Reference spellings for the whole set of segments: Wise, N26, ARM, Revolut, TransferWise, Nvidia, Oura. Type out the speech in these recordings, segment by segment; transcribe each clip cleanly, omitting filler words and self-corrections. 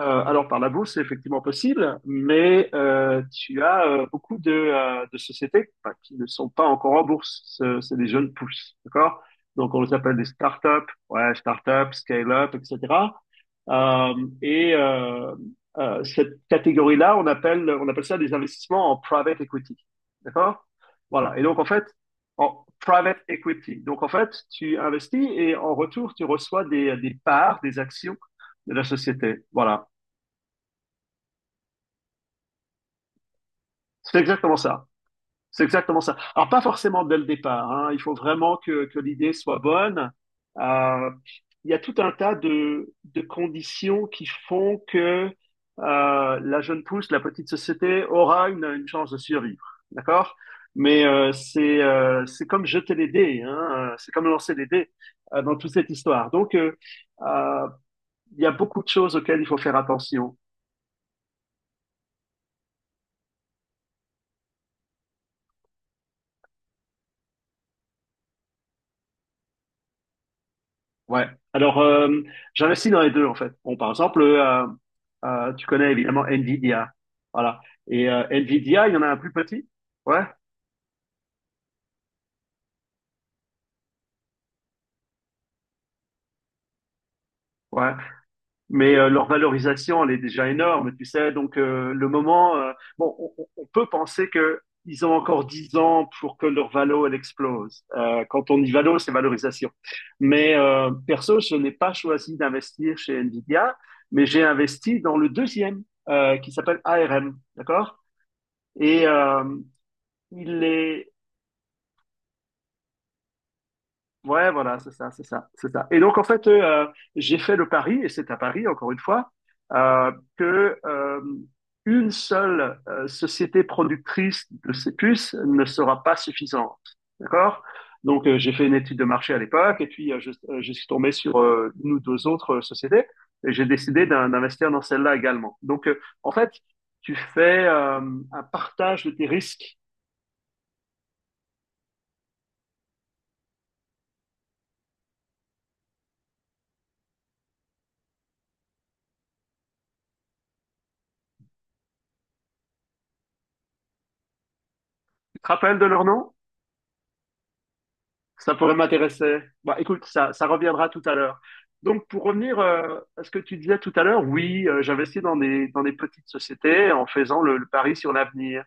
Alors par la bourse, c'est effectivement possible, mais tu as beaucoup de sociétés enfin, qui ne sont pas encore en bourse. C'est des jeunes pousses, d'accord? Donc on les appelle des startups, ouais, startups, scale-up, etc. Euh, et euh, cette catégorie-là, on appelle ça des investissements en private equity, d'accord? Voilà. Et donc en fait, en private equity. Donc en fait, tu investis et en retour, tu reçois des parts, des actions de la société. Voilà. C'est exactement ça. C'est exactement ça. Alors, pas forcément dès le départ, hein. Il faut vraiment que l'idée soit bonne. Euh, il y a tout un tas de conditions qui font que la jeune pousse, la petite société, aura une chance de survivre. D'accord? Mais c'est comme jeter les dés, hein. C'est comme lancer les dés dans toute cette histoire. Donc, euh, il y a beaucoup de choses auxquelles il faut faire attention. Ouais. Alors, j'investis dans les deux, en fait. Bon, par exemple, tu connais évidemment Nvidia. Voilà. Et Nvidia, il y en a un plus petit. Ouais, ouais. Mais leur valorisation, elle est déjà énorme, tu sais. Donc, le moment... bon, on peut penser que ils ont encore 10 ans pour que leur valo, elle explose. Quand on dit valo, c'est valorisation. Mais perso, je n'ai pas choisi d'investir chez Nvidia, mais j'ai investi dans le deuxième, qui s'appelle ARM. D'accord? Et il est... Ouais, voilà, c'est ça, c'est ça, c'est ça. Et donc, en fait, j'ai fait le pari, et c'est à Paris, encore une fois, que une seule société productrice de ces puces ne sera pas suffisante. D'accord? Donc, j'ai fait une étude de marché à l'époque, et puis je suis tombé sur une ou deux autres sociétés, et j'ai décidé d'investir dans celle-là également. Donc, en fait, tu fais un partage de tes risques. Tu te rappelles de leur nom? Ça pourrait m'intéresser. Bah, écoute, ça reviendra tout à l'heure. Donc, pour revenir à ce que tu disais tout à l'heure, oui, j'investis dans des petites sociétés en faisant le pari sur l'avenir.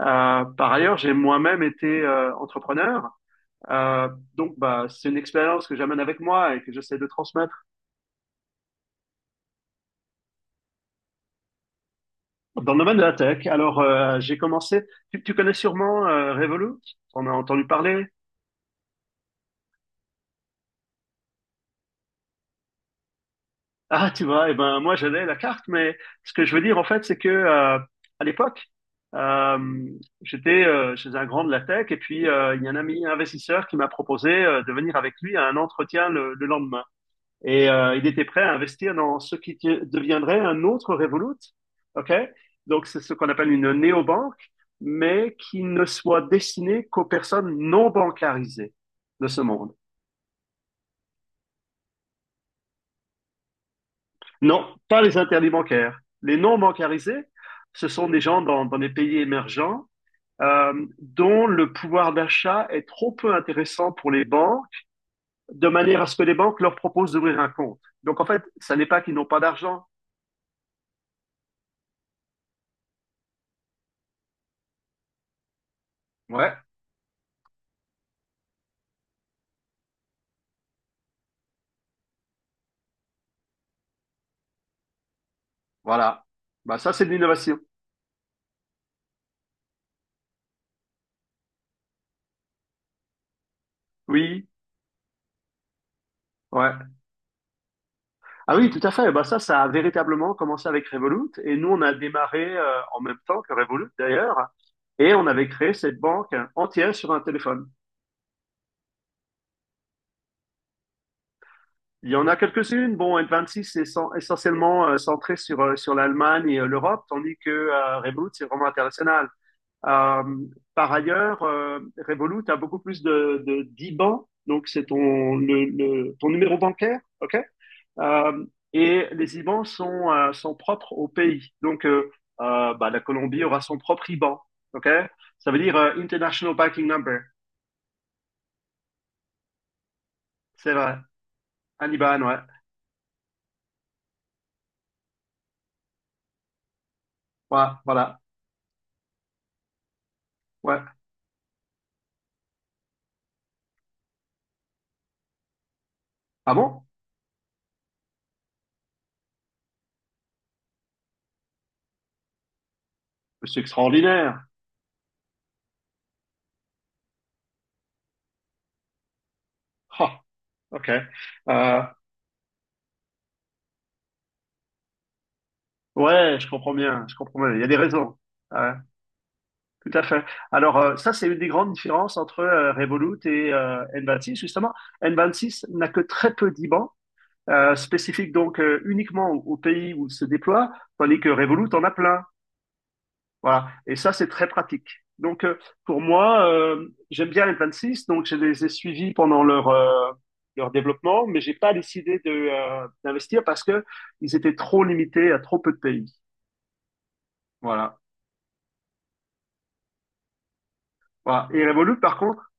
Par ailleurs, j'ai moi-même été entrepreneur. Euh, donc, bah, c'est une expérience que j'amène avec moi et que j'essaie de transmettre dans le domaine de la tech. Alors, j'ai commencé. Tu connais sûrement Revolut? On a entendu parler. Ah, tu vois, eh ben, moi, j'avais la carte, mais ce que je veux dire, en fait, c'est que, à l'époque, euh, j'étais chez un grand de la tech, et puis il y a un ami investisseur qui m'a proposé de venir avec lui à un entretien le lendemain. Et il était prêt à investir dans ce qui deviendrait un autre Revolut, OK? Donc, c'est ce qu'on appelle une néobanque, mais qui ne soit destinée qu'aux personnes non bancarisées de ce monde. Non, pas les interdits bancaires. Les non bancarisés, ce sont des gens dans des pays émergents euh, dont le pouvoir d'achat est trop peu intéressant pour les banques, de manière à ce que les banques leur proposent d'ouvrir un compte. Donc en fait, ça n'est pas qu'ils n'ont pas d'argent. Ouais, voilà. Bah ça, c'est de l'innovation. Oui, ouais. Ah oui, tout à fait. Bah ça, ça a véritablement commencé avec Revolut. Et nous, on a démarré en même temps que Revolut d'ailleurs. Et on avait créé cette banque entière sur un téléphone. Il y en a quelques-unes. Bon, N26 est essentiellement centré sur l'Allemagne et l'Europe, tandis que Revolut, c'est vraiment international. Euh, Par ailleurs, Revolut a beaucoup plus de d'IBAN, donc c'est ton numéro bancaire, OK? Euh, et les IBAN sont, sont propres au pays. Donc, bah, la Colombie aura son propre IBAN, OK? Ça veut dire International Banking Number. C'est vrai. Un IBAN, ouais. Ouais, voilà. Ouais. Ah bon? C'est extraordinaire. Ah, ok. Euh, ouais, je comprends bien, je comprends bien. Il y a des raisons. Ouais, tout à fait. Alors, ça, c'est une des grandes différences entre Revolut et N26. Justement, N26 n'a que très peu d'IBAN spécifiques, donc uniquement au pays où il se déploie, tandis que Revolut en a plein. Voilà. Et ça, c'est très pratique. Donc, pour moi, j'aime bien les 26, donc je les ai suivis pendant leur développement, mais j'ai pas décidé d'investir parce que ils étaient trop limités à trop peu de pays. Voilà. Voilà. Et Revolut, par contre,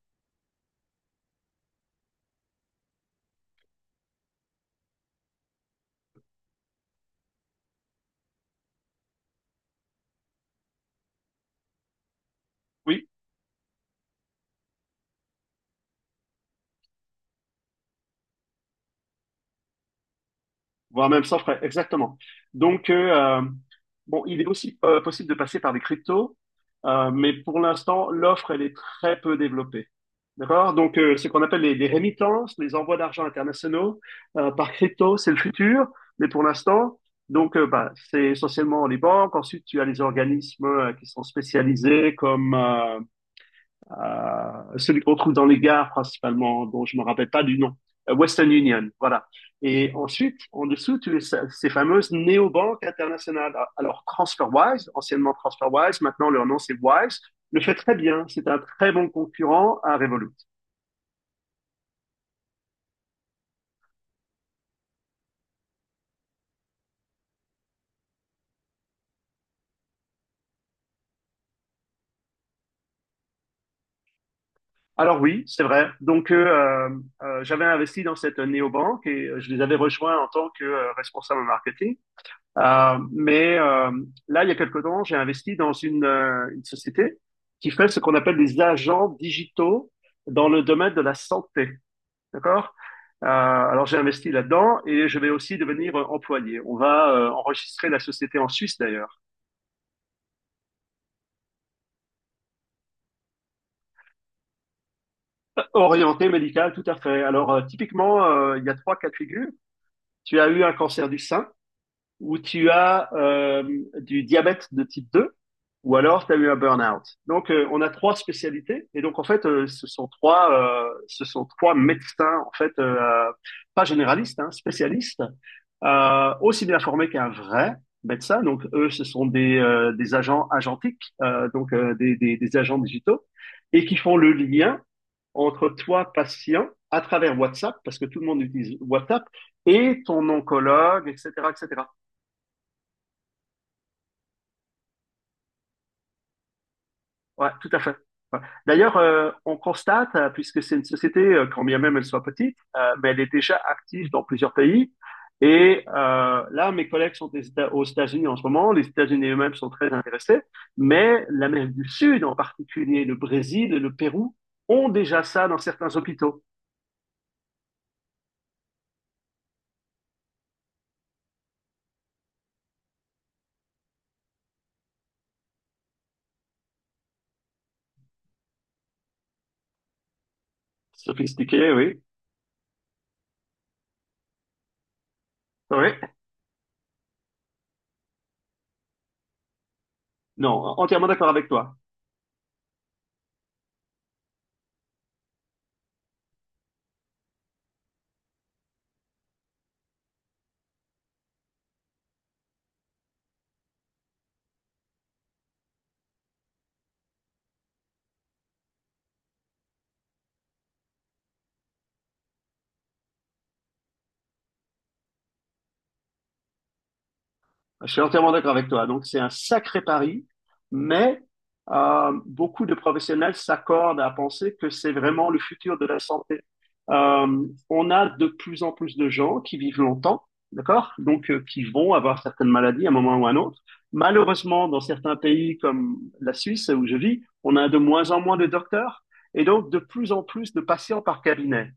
oui. Voire même sans frais, exactement. Donc, bon, il est aussi possible de passer par des cryptos, mais pour l'instant, l'offre, elle est très peu développée. D'accord? Donc, ce qu'on appelle les remittances, les envois d'argent internationaux par crypto, c'est le futur, mais pour l'instant, donc, bah, c'est essentiellement les banques. Ensuite, tu as les organismes qui sont spécialisés comme celui qu'on trouve dans les gares principalement, dont je me rappelle pas du nom. Western Union, voilà. Et ensuite, en dessous, tu as ces fameuses néobanques internationales. Alors, TransferWise, anciennement TransferWise, maintenant leur nom c'est Wise, le fait très bien. C'est un très bon concurrent à Revolut. Alors oui, c'est vrai. Donc, j'avais investi dans cette néobanque et je les avais rejoints en tant que responsable marketing. Mais là, il y a quelque temps, j'ai investi dans une société qui fait ce qu'on appelle des agents digitaux dans le domaine de la santé. D'accord? Alors j'ai investi là-dedans et je vais aussi devenir employé. On va enregistrer la société en Suisse d'ailleurs. Orienté médical, tout à fait. Alors typiquement, il y a trois cas de figure. Tu as eu un cancer du sein, ou tu as du diabète de type 2 ou alors tu as eu un burn-out. Donc on a trois spécialités et donc en fait ce sont trois médecins en fait pas généralistes hein, spécialistes aussi bien formés qu'un vrai médecin. Donc eux ce sont des agents agentiques des agents digitaux et qui font le lien entre toi patient à travers WhatsApp parce que tout le monde utilise WhatsApp et ton oncologue etc etc. Ouais, tout à fait. Ouais. D'ailleurs, on constate, puisque c'est une société, quand bien même elle soit petite, mais elle est déjà active dans plusieurs pays. Et là, mes collègues sont aux États-Unis en ce moment. Les États-Unis eux-mêmes sont très intéressés, mais l'Amérique du Sud, en particulier le Brésil et le Pérou, ont déjà ça dans certains hôpitaux. Sophistiqué, oui. Oui. Non, entièrement d'accord avec toi. Je suis entièrement d'accord avec toi. Donc, c'est un sacré pari, mais beaucoup de professionnels s'accordent à penser que c'est vraiment le futur de la santé. On a de plus en plus de gens qui vivent longtemps, d'accord? Donc, qui vont avoir certaines maladies à un moment ou à un autre. Malheureusement, dans certains pays comme la Suisse où je vis, on a de moins en moins de docteurs et donc de plus en plus de patients par cabinet,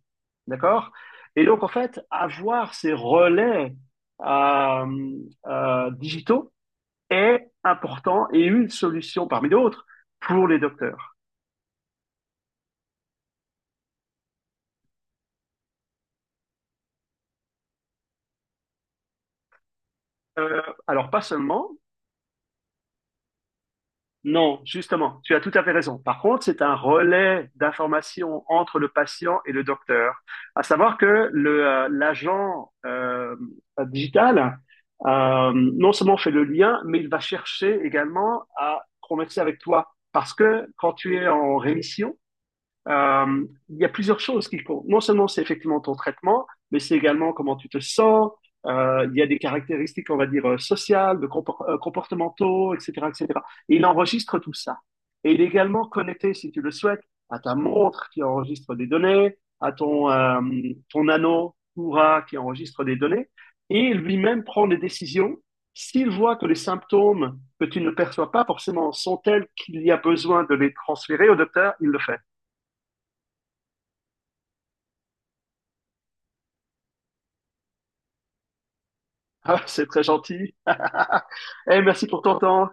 d'accord? Et donc, en fait, avoir ces relais euh, digitaux est important et une solution parmi d'autres pour les docteurs. Alors pas seulement, non, justement, tu as tout à fait raison. Par contre, c'est un relais d'information entre le patient et le docteur, à savoir que le l'agent digital non seulement fait le lien, mais il va chercher également à converser avec toi parce que quand tu es en rémission, euh, il y a plusieurs choses qui comptent. Non seulement c'est effectivement ton traitement, mais c'est également comment tu te sens. Il y a des caractéristiques, on va dire, sociales, de comportementaux, etc., etc. Et cetera. Et il enregistre tout ça. Et il est également connecté, si tu le souhaites, à ta montre qui enregistre des données, à ton anneau Oura qui enregistre des données. Et lui-même prend des décisions s'il voit que les symptômes que tu ne perçois pas forcément sont tels qu'il y a besoin de les transférer au docteur, il le fait. Ah, c'est très gentil. Eh, merci pour ton temps.